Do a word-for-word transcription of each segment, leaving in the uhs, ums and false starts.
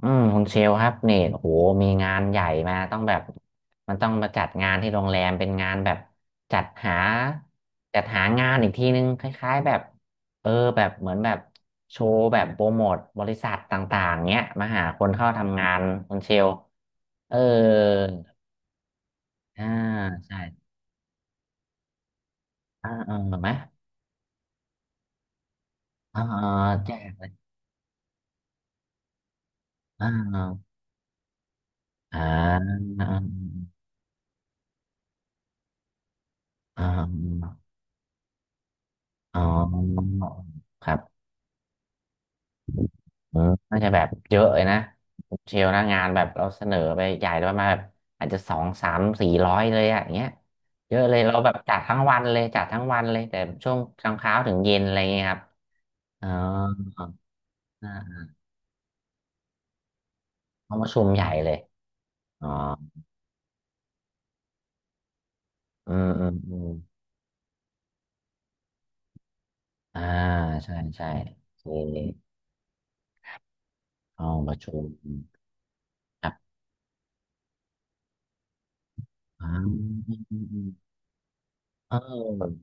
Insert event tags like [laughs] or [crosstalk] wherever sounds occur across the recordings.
อืมคุณเชลครับเนี่ยโอ้โหมีงานใหญ่มาต้องแบบมันต้องมาจัดงานที่โรงแรมเป็นงานแบบจัดหาจัดหางานอีกทีนึงคล้ายๆแบบเออแบบเหมือนแบบโชว์แบบโปรโมทบริษัทต่างๆเนี้ยมาหาคนเข้าทำงานคุณเชลเอออ่าใช่อ่าเออไหมอ่าแจกเลยอ่าอ่าอ่าอ่าอ๋อครับ อืมน่าจะแบบเยอะเลยนะคุณเชลนะงานแบบเราเสนอไปใหญ่เลยประมาณแบบอาจจะสองสามสี่ร้อยเลยอะอย่างเงี้ยเยอะเลยเราแบบจัดทั้งวันเลยจัดทั้งวันเลยแต่ช่วงกลางเช้าถึงเย็นอะไรเงี้ยครับอ๋ออ่าห้องประชุมใหญ่เลยอ๋ออืมอืมอืมอ่าใช่ใช่โอเคห้องประชุมครับอ๋ออืมอืมอืมเออ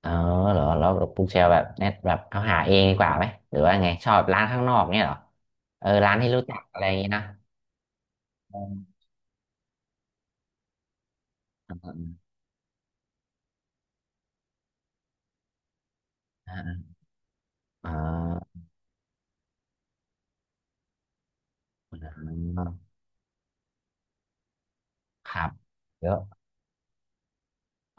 เออเหรอแล้วปุ๊กเชลแบบเน็ตแบบเอาหาเองดีกว่าไหมหรือว่าไงชอบร้านข้างนอกเนี่ยเหรอเออร้านที่รู้จักอะไรอย่างงี้นะเออเออเออเออเออครับเยอะ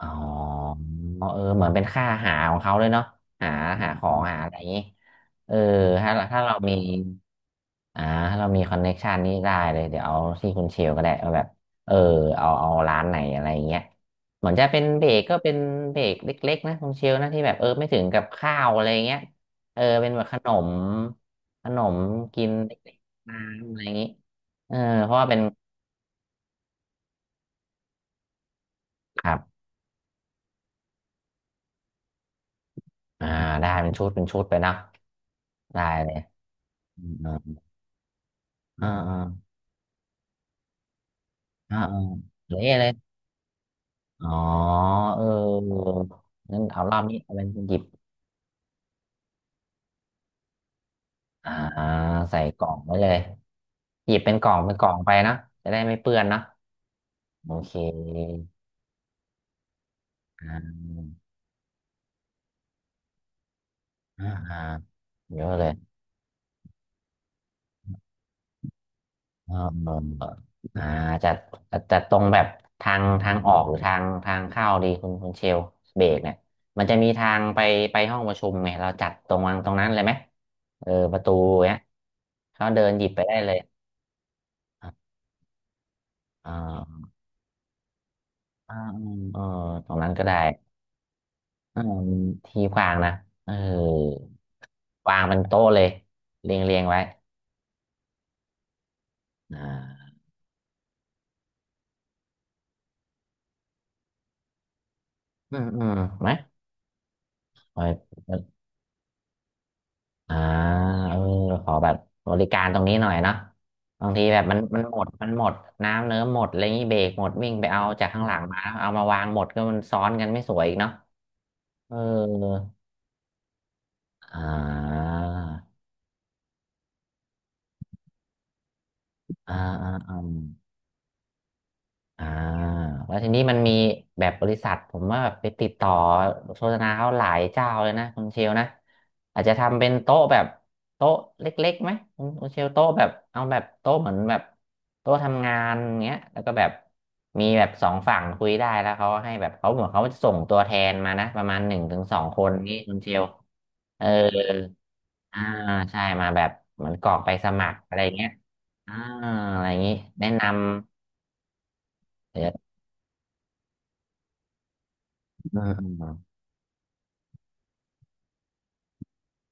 อ๋อเออเหมือนเป็นค่าหาของเขาด้วยเนาะหาหาของหาอะไรอย่างงี้เออถ้าถ้าเรามี อ่าถ้าเรามีคอนเน็กชันนี่ได้เลยเดี๋ยวเอาที่คุณเชลก็ได้เอาแบบเออเอาเอาร้านไหนอะไรอย่างเงี้ยเหมือนจะเป็นเบรกก็เป็นเบรกเล็กๆนะคุณเชลนะที่แบบเออไม่ถึงกับข้าวอะไรอย่างเงี้ยเออเป็นแบบขนมขนมกินเล็กๆน้ำอะไรอย่างงี้เออเพราะว่าเป็นครับอ่าได้เป็นชุดเป็นชุดไปเนาะได้เลยอืมอ่าอ่าอ่าอ่าเละเลยอ๋อเอองั้นเอารอบนี้เอาเป็นหยิบ อ่าใส่กล่องไว้เลยหยิบเป็นกล่องเป็นกล่องไปเนาะจะได้ไม่เปื้อนเนาะโอเคอ่าอ่าอ่าเยอะเลยเออเออเอออ่าจะจะจะตรงแบบทางทางออกหรือทางทางเข้าดีคุณคุณเชลเบรกเนี่ยมันจะมีทางไปไปห้องประชุมไงเราจัดตรงวางตรงนั้นเลยไหมเออประตูเนี้ยเขาเดินหยิบไปได้เลยอ่าอ่าอ่าอืมเออตรงนั้นก็ได้อืมที่กว้างนะเออ วางเป็นโต๊ะเลยเรียงเรียงไว้อ่าอืมอืมไหมคอยอ่าเออขอแบบบริการตรงนี้หน่อยเนาะบางทีแบบมันมันหมดมันหมดน้ำเนื้อหมดอะไรอย่างนี้เบรกหมดวิ่งไปเอาจากข้างหลังมาเอามาวางหมดก็มันซ้อนกันไม่สวยอีกเนาะเอออ่าอ่าอ่าอ่า อ่าแล้วทีนี้มันมีแบบบริษัทผมว่าแบบไปติดต่อโฆษณาเขาหลายเจ้าเลยนะคุณเชลนะอาจจะทำเป็นโต๊ะแบบโต๊ะเล็กๆไหมคุณคุณเชลโต๊ะแบบเอาแบบโต๊ะเหมือนแบบโต๊ะทำงานอย่างเงี้ยแล้วก็แบบมีแบบสองฝั่งคุยได้แล้วเขาให้แบบเขาเหมือนเขาจะส่งตัวแทนมานะประมาณหนึ่งถึงสองคนนี้คุณเชลเอออ่าใช่มาแบบเหมือนกรอกไปสมัครอะไรเงี้ยอ่าอะไรอย่างงี้แนะนำเดี๋ยว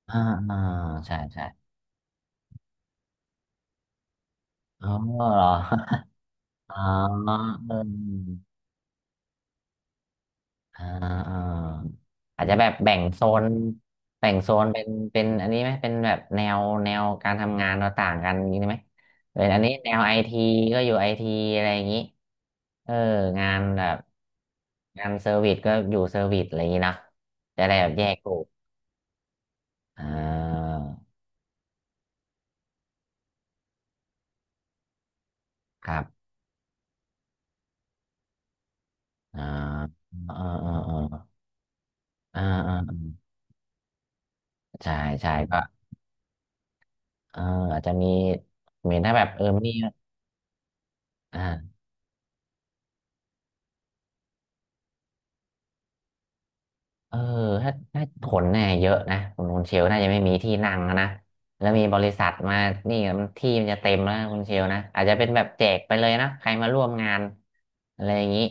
อ่าอ่าใช่ใช่อ๋อเหรอ [laughs] อ๋อเอออ่าอ่าอาจจะแบบแบ่งโซนแบ่งโซนเป็นเป็นอันนี้ไหมเป็นแบบแนวแนวการทำงานเราต่างกันอย่างนี้ไหมเป็นอันนี้แนวไอทีก็อยู่ไอทีอะไรอย่างนี้เอองานแบบงานเซอร์วิสก็อยู่เซอร์วิสอะไรอย่างนี้นะจะได้แบบแยกกลุ่มอ่าครับอ่าเออเออาอออ่าอ่าอ่าใช่ใช่ก็ เอออาจจะมีเหมือนถ้าแบบเออมีอ่าเออถ้าถ้าขนเนี่ยเยอะนะคุณคุณเชลน่าจะไม่มีที่นั่งแล้วนะแล้วมีบริษัทมานี่มันที่มันจะเต็มแล้วนะคุณเชลนะอาจจะเป็นแบบแจกไปเลยนะใครมาร่วมงานอะไรอย่างนี้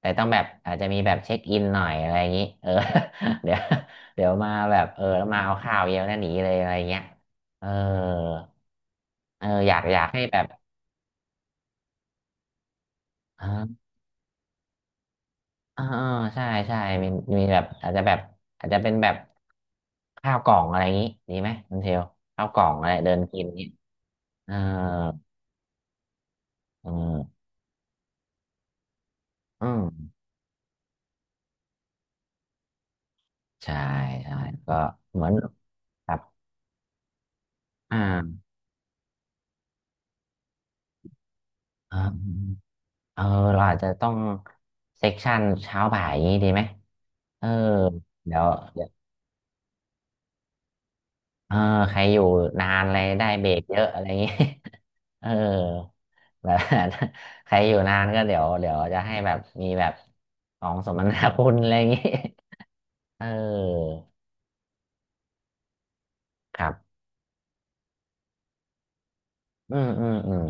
แต่ต้องแบบอาจจะมีแบบเช็คอินหน่อยอะไรอย่างนี้เออ [laughs] เดี๋ยวเดี๋ยวมาแบบเออแล้วมาเอาข้าวเยอะแล้วหนีเลยอะไรเงี้ยเออเอออยากอยากให้แบบเออ อ่าใช่ใช่มีมีแบบอาจจะแบบอาจจะเป็นแบบข้าวกล่องอะไรอย่างนี้ดีไหมคุณเทลข้าวกล่องอะไรเดินกินนี้เออเอืมอืมใช่ใช่ก็เหมือนแบบอ่าอ่าเออเราอาจจะต้องเซ็กชันเช้าบ่ายอย่างนี้ดีไหมเออเดี๋ยวเดี๋ยวเออใครอยู่นานอะไรได้เบรกเยอะอะไรอย่างนี้ [laughs] เออ แบบ [laughs] ใครอยู่นานก็เดี๋ยวเดี๋ยวจะให้แบบมีแบบของสมนาคุณ [laughs] อะไรอย่างงี้ [laughs] เออครับอืมอืมอืม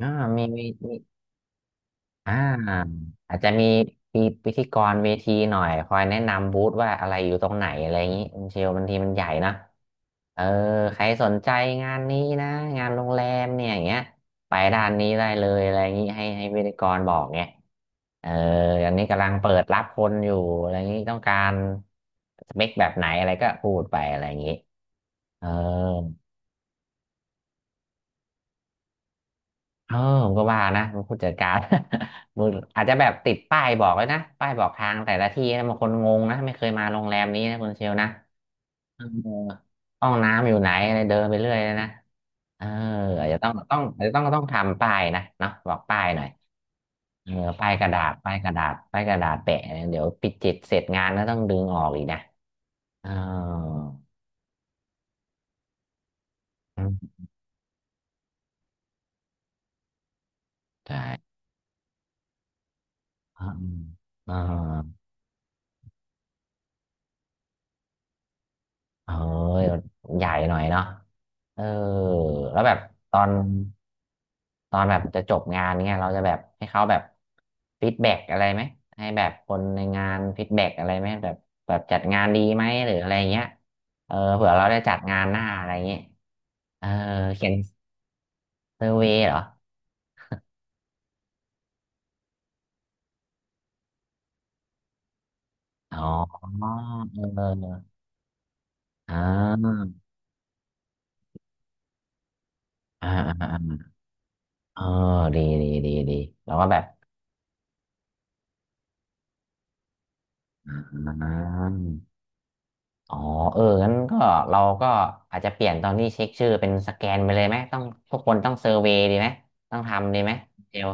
อ่ามีมี อ่าอาจจะมีมีพิธีกรเวทีหน่อยคอยแนะนำบูธว่าอะไรอยู่ตรงไหนอะไรอย่างนี้มันเชลบางทีมันใหญ่นะเออใครสนใจงานนี้นะงานโรงแรมเนี่ยอย่างเงี้ยไปด้านนี้ได้เลยอะไรอย่างนี้ให้ให้พิธีกรบอกเงี้ยเอออันนี้กำลังเปิดรับคนอยู่อะไรอย่างนี้ต้องการสเปคแบบไหนอะไรก็พูดไปอะไรอย่างนี้เออ เออผมก็ว่านะผู้จัดการ [laughs] มึงอาจจะแบบติดป้ายบอกเลยนะป้ายบอกทางแต่ละที่นะบางคนงงนะไม่เคยมาโรงแรมนี้นะคุณเชลนะเออห้องน้ำอยู่ไหนอะไรเดินไปเรื่อยเลยนะเอออาจจะต้องต้องอาจจะต้องต้องทำป้ายนะเนาะบอกป้ายหน่อยเออป้ายกระดาษป้ายกระดาษป้ายกระดาษแปะเนี่ยเดี๋ยวปิดจิตเสร็จงานก็ต้องดึงออกอีกนะเออใช่อเออ เออใหญ่หน่อยเนาะเออแล้วแบบตอนตอนแบบจะจบงานเงี้ยเราจะแบบให้เขาแบบฟีดแบ็กอะไรไหมให้แบบคนในงานฟีดแบ็กอะไรไหมแบบแบบจัดงานดีไหมหรืออะไรเงี้ยเออเผื่อเราได้จัดงานหน้าอะไรเงี้ยเออเขียนเซอร์เวย์เหรออ๋อเอออ่าอ่าอ่าอ่าเออดีดีดีดีเราก็แบบอ่า อ๋อเอองั้นก็เราก็อาจจะเปลี่ยนตอนที่เช็คชื่อเป็นสแกนไปเลยไหมต้องทุกคนต้องเซอร์เวย์ดีไหมต้องทำดีไหมเดี๋ยว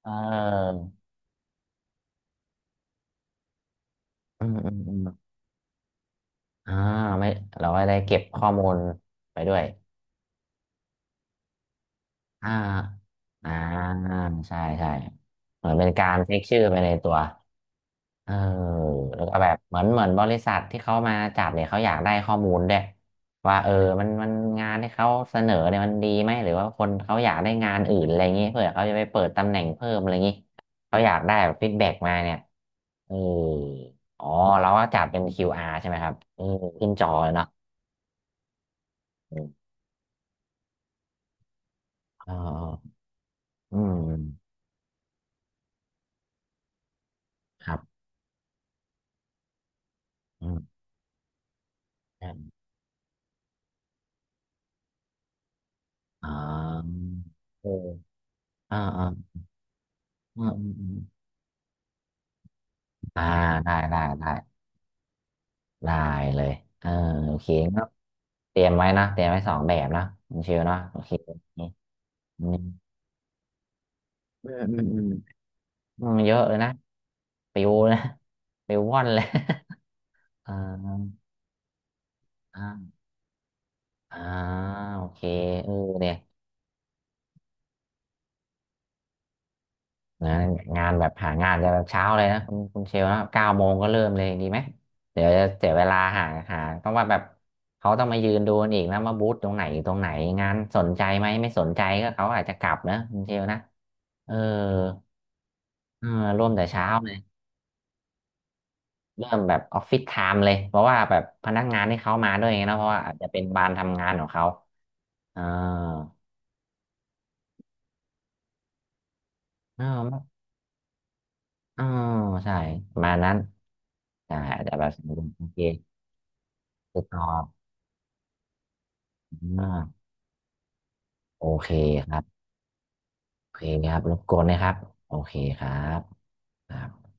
เอออืมอืมอืมอ่าไม่เราก็ได้เก็บข้อมูลไปด้วยอ่าอ่าใช่ใช่เหมือนเป็นการเช็คชื่อไปในตัว เออแล้วก็แบบเหมือนเหมือนบริษัทที่เขามาจัดเนี่ยเขาอยากได้ข้อมูลด้วยว่าเออมันมันงานที่เขาเสนอเนี่ยมันดีไหมหรือว่าคนเขาอยากได้งานอื่นอะไรอย่างงี้เผื่อเขาจะไปเปิดตำแหน่งเพิ่มอะไรอย่างงี้เขาอยากได้แบบฟีดแบ็กมาเนี่ยเอออ๋อเราก็จัดเป็นคิวอาร r ใช่ไหมครับเออขึ้นจอเลยเนาะอืมอออืมครับอืมใช่อ๋อเอออ่าอ่าอืมอืมอืมอ่าได้ได้ได้ ได้เลยเออโอเคก็เตรียมไว้นะ เตรียมไว้สองแบบนะคุณเชวเนาะโอเคอืมอืมอืมอืมอืมเยอะเลยนะปิวนะปิวว่อนเลย [laughs] อ่าอ่าอ่าโอเคเออเนี่ย นะงานแบบหางานจะแบบเช้าเลยนะคุณคุณเชลนะเก้าโมงก็เริ่มเลยดีไหมเดี๋ยวจะเสียเวลาหาหาต้องว่าแบบเขาต้องมายืนดูกันอีกนะว่าบูธตรงไหนอยู่ตรงไหนงานสนใจไหมไม่สนใจก็เขาอาจจะกลับนะคุณเชลนะเออเออร่วมแต่เช้าเลยเริ่มแบบออฟฟิศไทม์เลยเพราะว่าแบบพนักงานที่เขามาด้วยไงเนอะเพราะว่าอาจจะเป็นบานทำงานของเขาอ่าอ่าอ่าใช่ประมาณนั้นใช่อาจจะแบบโอเคติดต่ออ่า โอเคครับโอเคครับรบกวนนะครับโอเคครับครับ